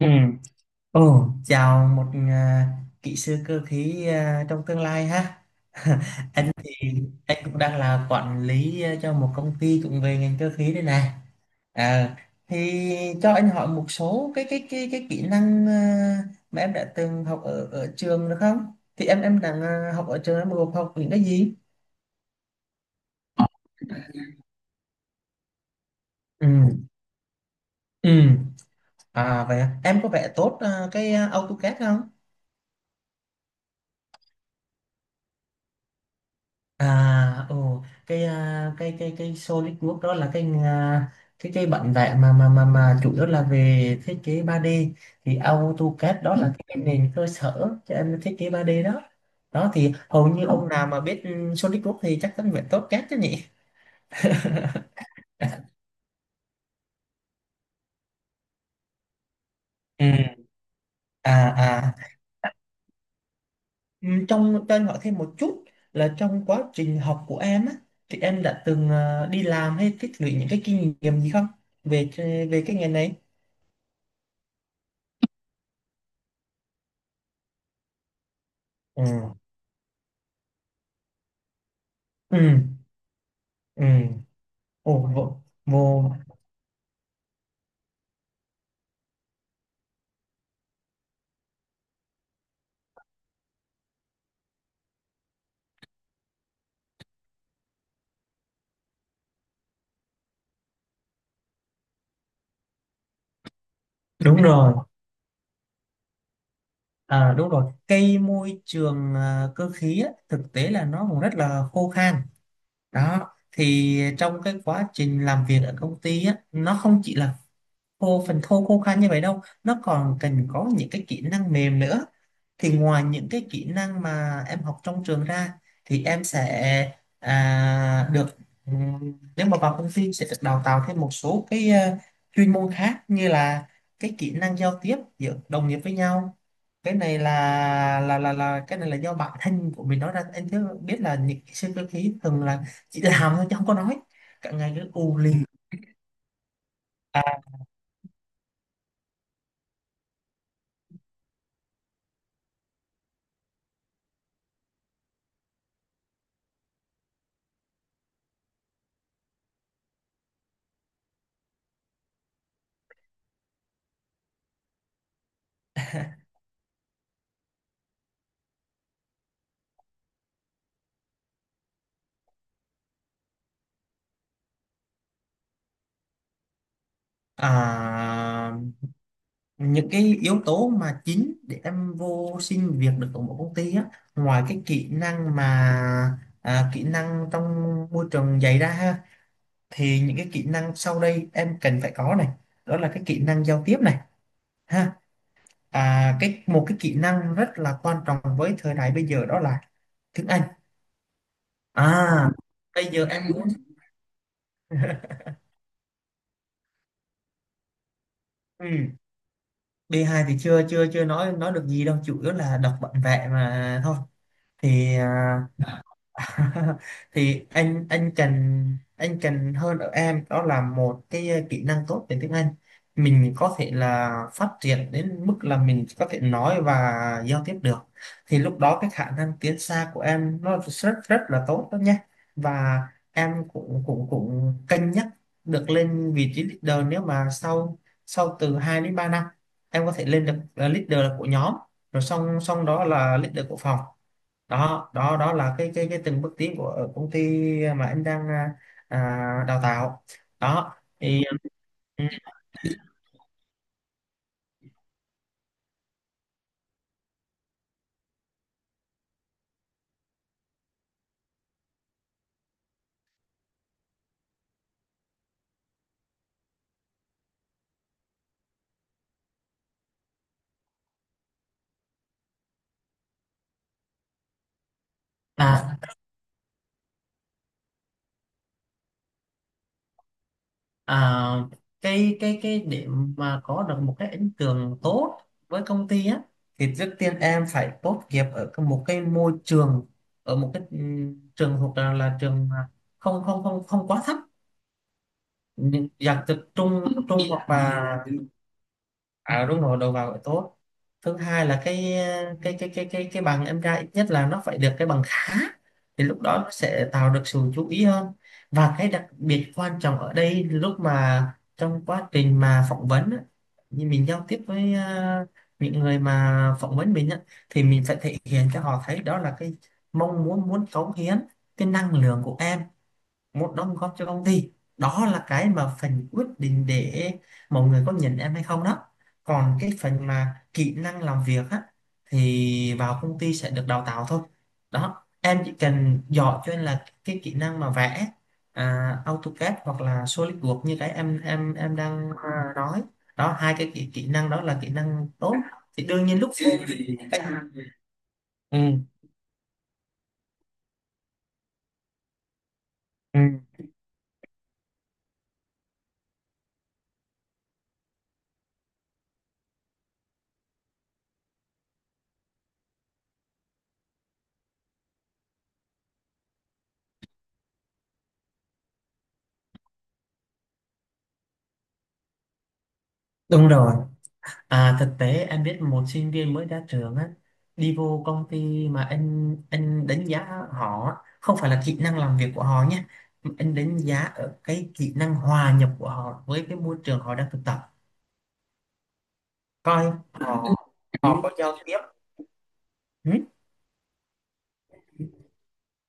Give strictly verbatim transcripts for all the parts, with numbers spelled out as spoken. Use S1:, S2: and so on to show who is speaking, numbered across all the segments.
S1: Ừ. Ồ, chào một à, kỹ sư cơ khí, à, trong tương lai, ha. Anh thì anh cũng đang là quản lý, à, cho một công ty cũng về ngành cơ khí đây này. À, thì cho anh hỏi một số cái cái cái cái kỹ năng, à, mà em đã từng học ở ở trường được không? Thì em em đang, à, học ở trường, em gồm học những cái gì? Ừ. Ừ. À vậy à. Em có vẽ tốt, à, cái, à, AutoCAD không? À, ồ, cái à, cái cái cái solid work đó là cái, à, cái cái bản vẽ mà mà mà mà chủ yếu là về thiết kế ba d, thì AutoCAD đó, Ừ. là cái nền cơ sở cho em thiết kế ba d đó. Đó thì hầu như ông nào mà biết, ừ, solid work thì chắc chắn phải tốt xê a đê chứ nhỉ? Ừ. À à, Ừ, Trong cho anh hỏi thêm một chút là trong quá trình học của em á, thì em đã từng, à, đi làm hay tích lũy những cái kinh nghiệm gì không, về về cái nghề này? Ừ. Ừ. Ừ. Ồ, vô, vô, Đúng rồi. À, đúng rồi. Cây môi trường, à, cơ khí á, thực tế là nó cũng rất là khô khan. Đó. Thì trong cái quá trình làm việc ở công ty á, nó không chỉ là khô phần thô khô khan như vậy đâu. Nó còn cần có những cái kỹ năng mềm nữa. Thì ngoài những cái kỹ năng mà em học trong trường ra, thì em sẽ, à, được ừm, nếu mà vào công ty sẽ được đào tạo thêm một số cái, ờ, chuyên môn khác, như là cái kỹ năng giao tiếp giữa đồng nghiệp với nhau. Cái này là là là là cái này là do bản thân của mình nói ra, anh chứ biết là những cái sơ cơ khí thường là chỉ làm thôi chứ không có nói, cả ngày cứ u lì. Ừ. à, à những cái yếu tố mà chính để em vô xin việc được ở một công ty á, ngoài cái kỹ năng mà, à, kỹ năng trong môi trường dạy ra, ha, thì những cái kỹ năng sau đây em cần phải có này: đó là cái kỹ năng giao tiếp này, ha, à, cái một cái kỹ năng rất là quan trọng với thời đại bây giờ đó là tiếng Anh, à, bây giờ em muốn. Ừ. bê hai thì chưa chưa chưa nói, nói được gì đâu, chủ yếu là đọc bản vẽ mà thôi, thì à, thì anh anh cần, anh cần hơn ở em đó là một cái, ờ, kỹ năng tốt về tiếng Anh. Mình có thể là phát triển đến mức là mình có thể nói và giao tiếp được, thì lúc đó cái khả năng tiến xa của em nó rất rất là tốt đó nhé. Và em cũng cũng cũng cân nhắc được lên vị trí leader, nếu mà sau, sau từ hai đến ba năm em có thể lên được là leader của nhóm, rồi xong xong đó là leader của phòng. Đó đó đó là cái cái cái từng bước tiến của ở công ty mà anh đang, à, à, đào tạo. Đó thì ừ, à, à, cái cái cái để mà có được một cái ấn tượng tốt với công ty á, thì trước tiên em phải tốt nghiệp ở cái- một cái môi trường, ở một cái, ừ, trường thuộc là, là trường mà không không không không quá thấp, những dạng từ trung, trung hoặc là, à, đúng rồi, đầu vào phải tốt. Thứ hai là cái cái cái cái cái cái bằng em ra ít nhất là nó phải được cái bằng khá, thì lúc đó nó sẽ tạo được sự chú ý hơn. Và cái đặc biệt quan trọng ở đây lúc mà trong quá trình mà phỏng vấn á, như mình giao tiếp với, à, những người mà phỏng vấn mình á, thì mình phải thể hiện cho họ thấy đó là cái mong muốn, muốn cống hiến cái năng lượng của em, một đóng góp cho công ty. Đó là cái mà phần quyết định để mọi người có nhận em hay không đó. Còn cái phần mà kỹ năng làm việc á, thì vào công ty sẽ được đào tạo thôi đó, em chỉ cần giỏi. Cho nên là cái kỹ năng mà vẽ, à, AutoCAD hoặc là SolidWorks như cái em em em đang, à, nói đó, hai cái kỹ, kỹ năng đó là kỹ năng tốt, thì đương nhiên lúc. ừ, ừ, Đúng rồi. À, thực tế em biết một sinh viên mới ra trường á, đi vô công ty mà anh anh đánh giá họ á, không phải là kỹ năng làm việc của họ nhé, mà anh đánh giá ở cái kỹ năng hòa nhập của họ với cái môi trường họ đang thực tập, coi họ họ có giao tiếp.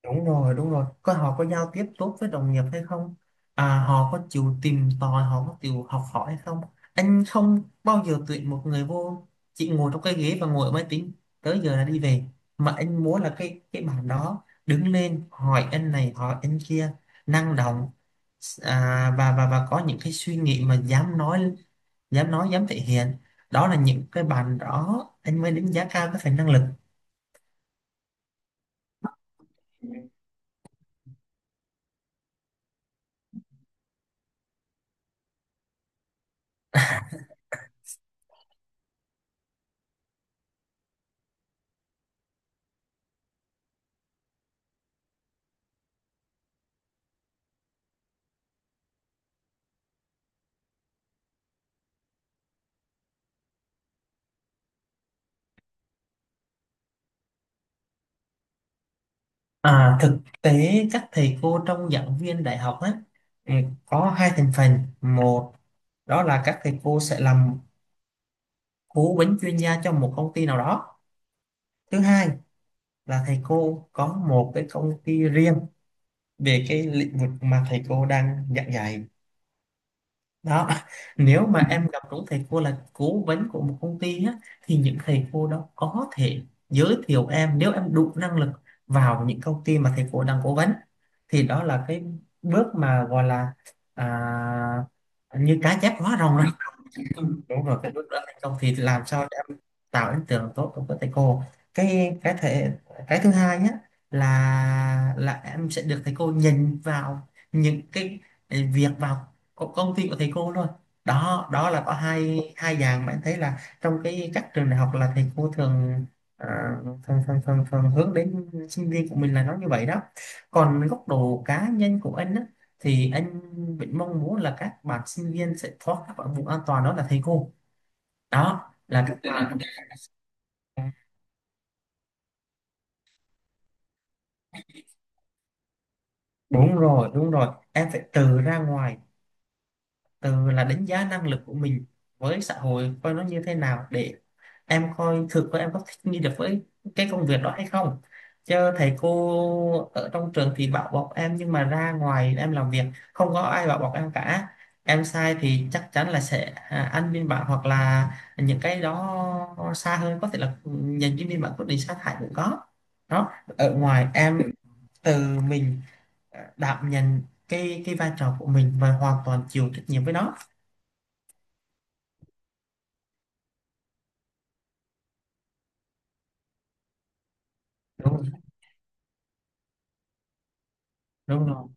S1: Đúng rồi, đúng rồi. Coi họ có giao tiếp tốt với đồng nghiệp hay không? À, họ có chịu tìm tòi, họ có chịu học hỏi hay không? Anh không bao giờ tuyển một người vô chỉ ngồi trong cái ghế và ngồi ở máy tính tới giờ là đi về. Mà anh muốn là cái cái bạn đó đứng lên hỏi anh này, hỏi anh kia, năng động, à, và và và có những cái suy nghĩ mà dám nói, dám nói, dám thể hiện. Đó là những cái bạn đó anh mới đánh giá cao cái phần năng lực. À, thực tế các thầy cô trong giảng viên đại học á, ừ, có hai thành phần: một đó là các thầy cô sẽ làm cố vấn chuyên gia cho một công ty nào đó; thứ hai là thầy cô có một cái công ty riêng về cái lĩnh vực mà thầy cô đang giảng dạy. Đó. Nếu mà em gặp đúng thầy cô là cố vấn của một công ty á, thì những thầy cô đó có thể giới thiệu em, nếu em đủ năng lực, vào những công ty mà thầy cô đang cố vấn. Thì đó là cái bước mà gọi là, à, như cá chép hóa rồng rồi. Ừ, đúng rồi, cái lúc đó thành công thì làm sao cho em tạo ấn tượng tốt đối với thầy cô. cái cái thể cái thứ hai nhé, là là em sẽ được thầy cô nhìn vào những cái việc vào co- công ty của thầy cô luôn. Đó, đó là có hai, hai dạng mà em thấy là trong cái các trường đại học là thầy cô thường, ờ, thường, thường, thường, thường hướng đến sinh viên của mình là nó như vậy đó. Còn góc độ cá nhân của anh á, thì anh vẫn mong muốn là các bạn sinh viên sẽ thoát các khỏi vùng an toàn, đó là thầy cô, đó là các bạn. Đúng rồi, đúng rồi, em phải tự ra ngoài, từ là đánh giá năng lực của mình với xã hội, coi nó như thế nào, để em coi thực có em có thích nghi được với cái công việc đó hay không. Chứ thầy cô ở trong trường thì bảo bọc em, nhưng mà ra ngoài em làm việc không có ai bảo bọc em cả. Em sai thì chắc chắn là sẽ, à, ăn biên bản, hoặc là những cái đó xa hơn có thể là nhận cái biên bản quyết định sa thải cũng có. Đó, ở ngoài em từ mình, à, đảm nhận cái cái vai trò của mình và hoàn toàn chịu trách nhiệm với nó. Đúng rồi, đúng rồi.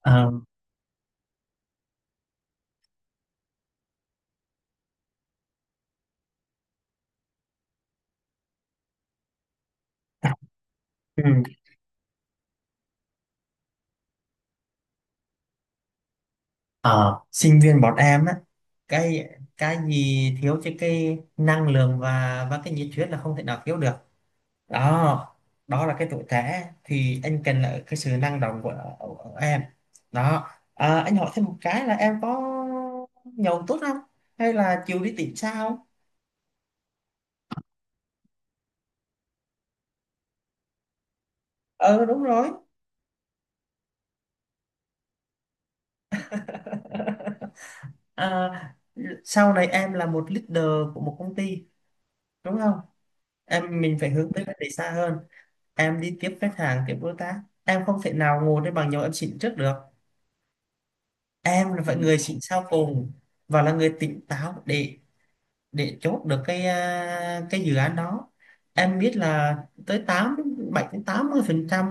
S1: Ờ, ừ. Ở sinh viên bọn em á, cái cái gì thiếu chứ cái năng lượng và và cái nhiệt huyết là không thể nào thiếu được. Đó, đó là cái tuổi trẻ, thì anh cần là cái sự năng động của, của em. Đó, à, anh hỏi thêm một cái là em có nhậu tốt không, hay là chịu đi tìm sao. Ờ, đúng rồi. À, sau này em là một leader của một công ty đúng không, em mình phải hướng tới vấn đề xa hơn. Em đi tiếp khách hàng, tiếp đối tác, em không thể nào ngồi đây bằng nhau, em xịn trước được. Em là phải người xịn sau cùng, và là người tỉnh táo để để chốt được cái, à, cái dự án đó. Em biết là tới tám bảy đến tám mươi phần trăm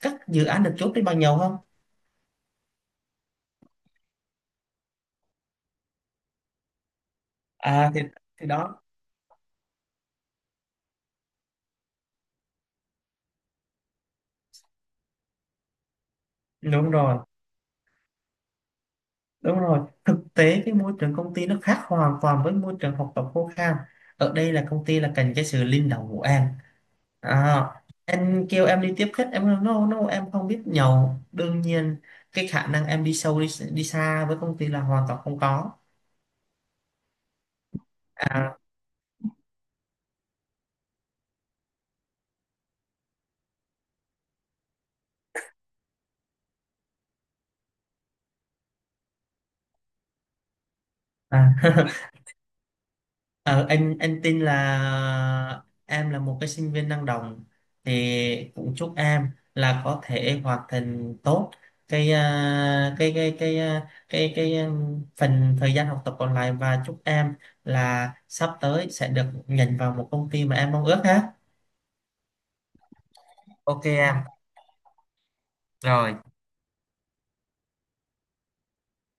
S1: các dự án được chốt trên bằng nhau không. À thì thì Đó. Đúng rồi, đúng rồi, thực tế cái môi trường công ty nó khác hoàn toàn với môi trường học tập khô khan. Ở đây là công ty là cần cái sự linh động của em. À, anh kêu em đi tiếp khách em nói no, no, em không biết nhậu, đương nhiên cái khả năng em đi sâu, đi, đi xa với công ty là hoàn toàn không có. à, à. Ờ, anh anh tin là em là một cái sinh viên năng động, thì cũng chúc em là có thể hoàn thành tốt cái, à, cái cái cái à, cái cái um, phần thời gian học tập còn lại, và chúc em là sắp tới sẽ được nhận vào một công ty mà em mong ước, ha. Ok em, rồi.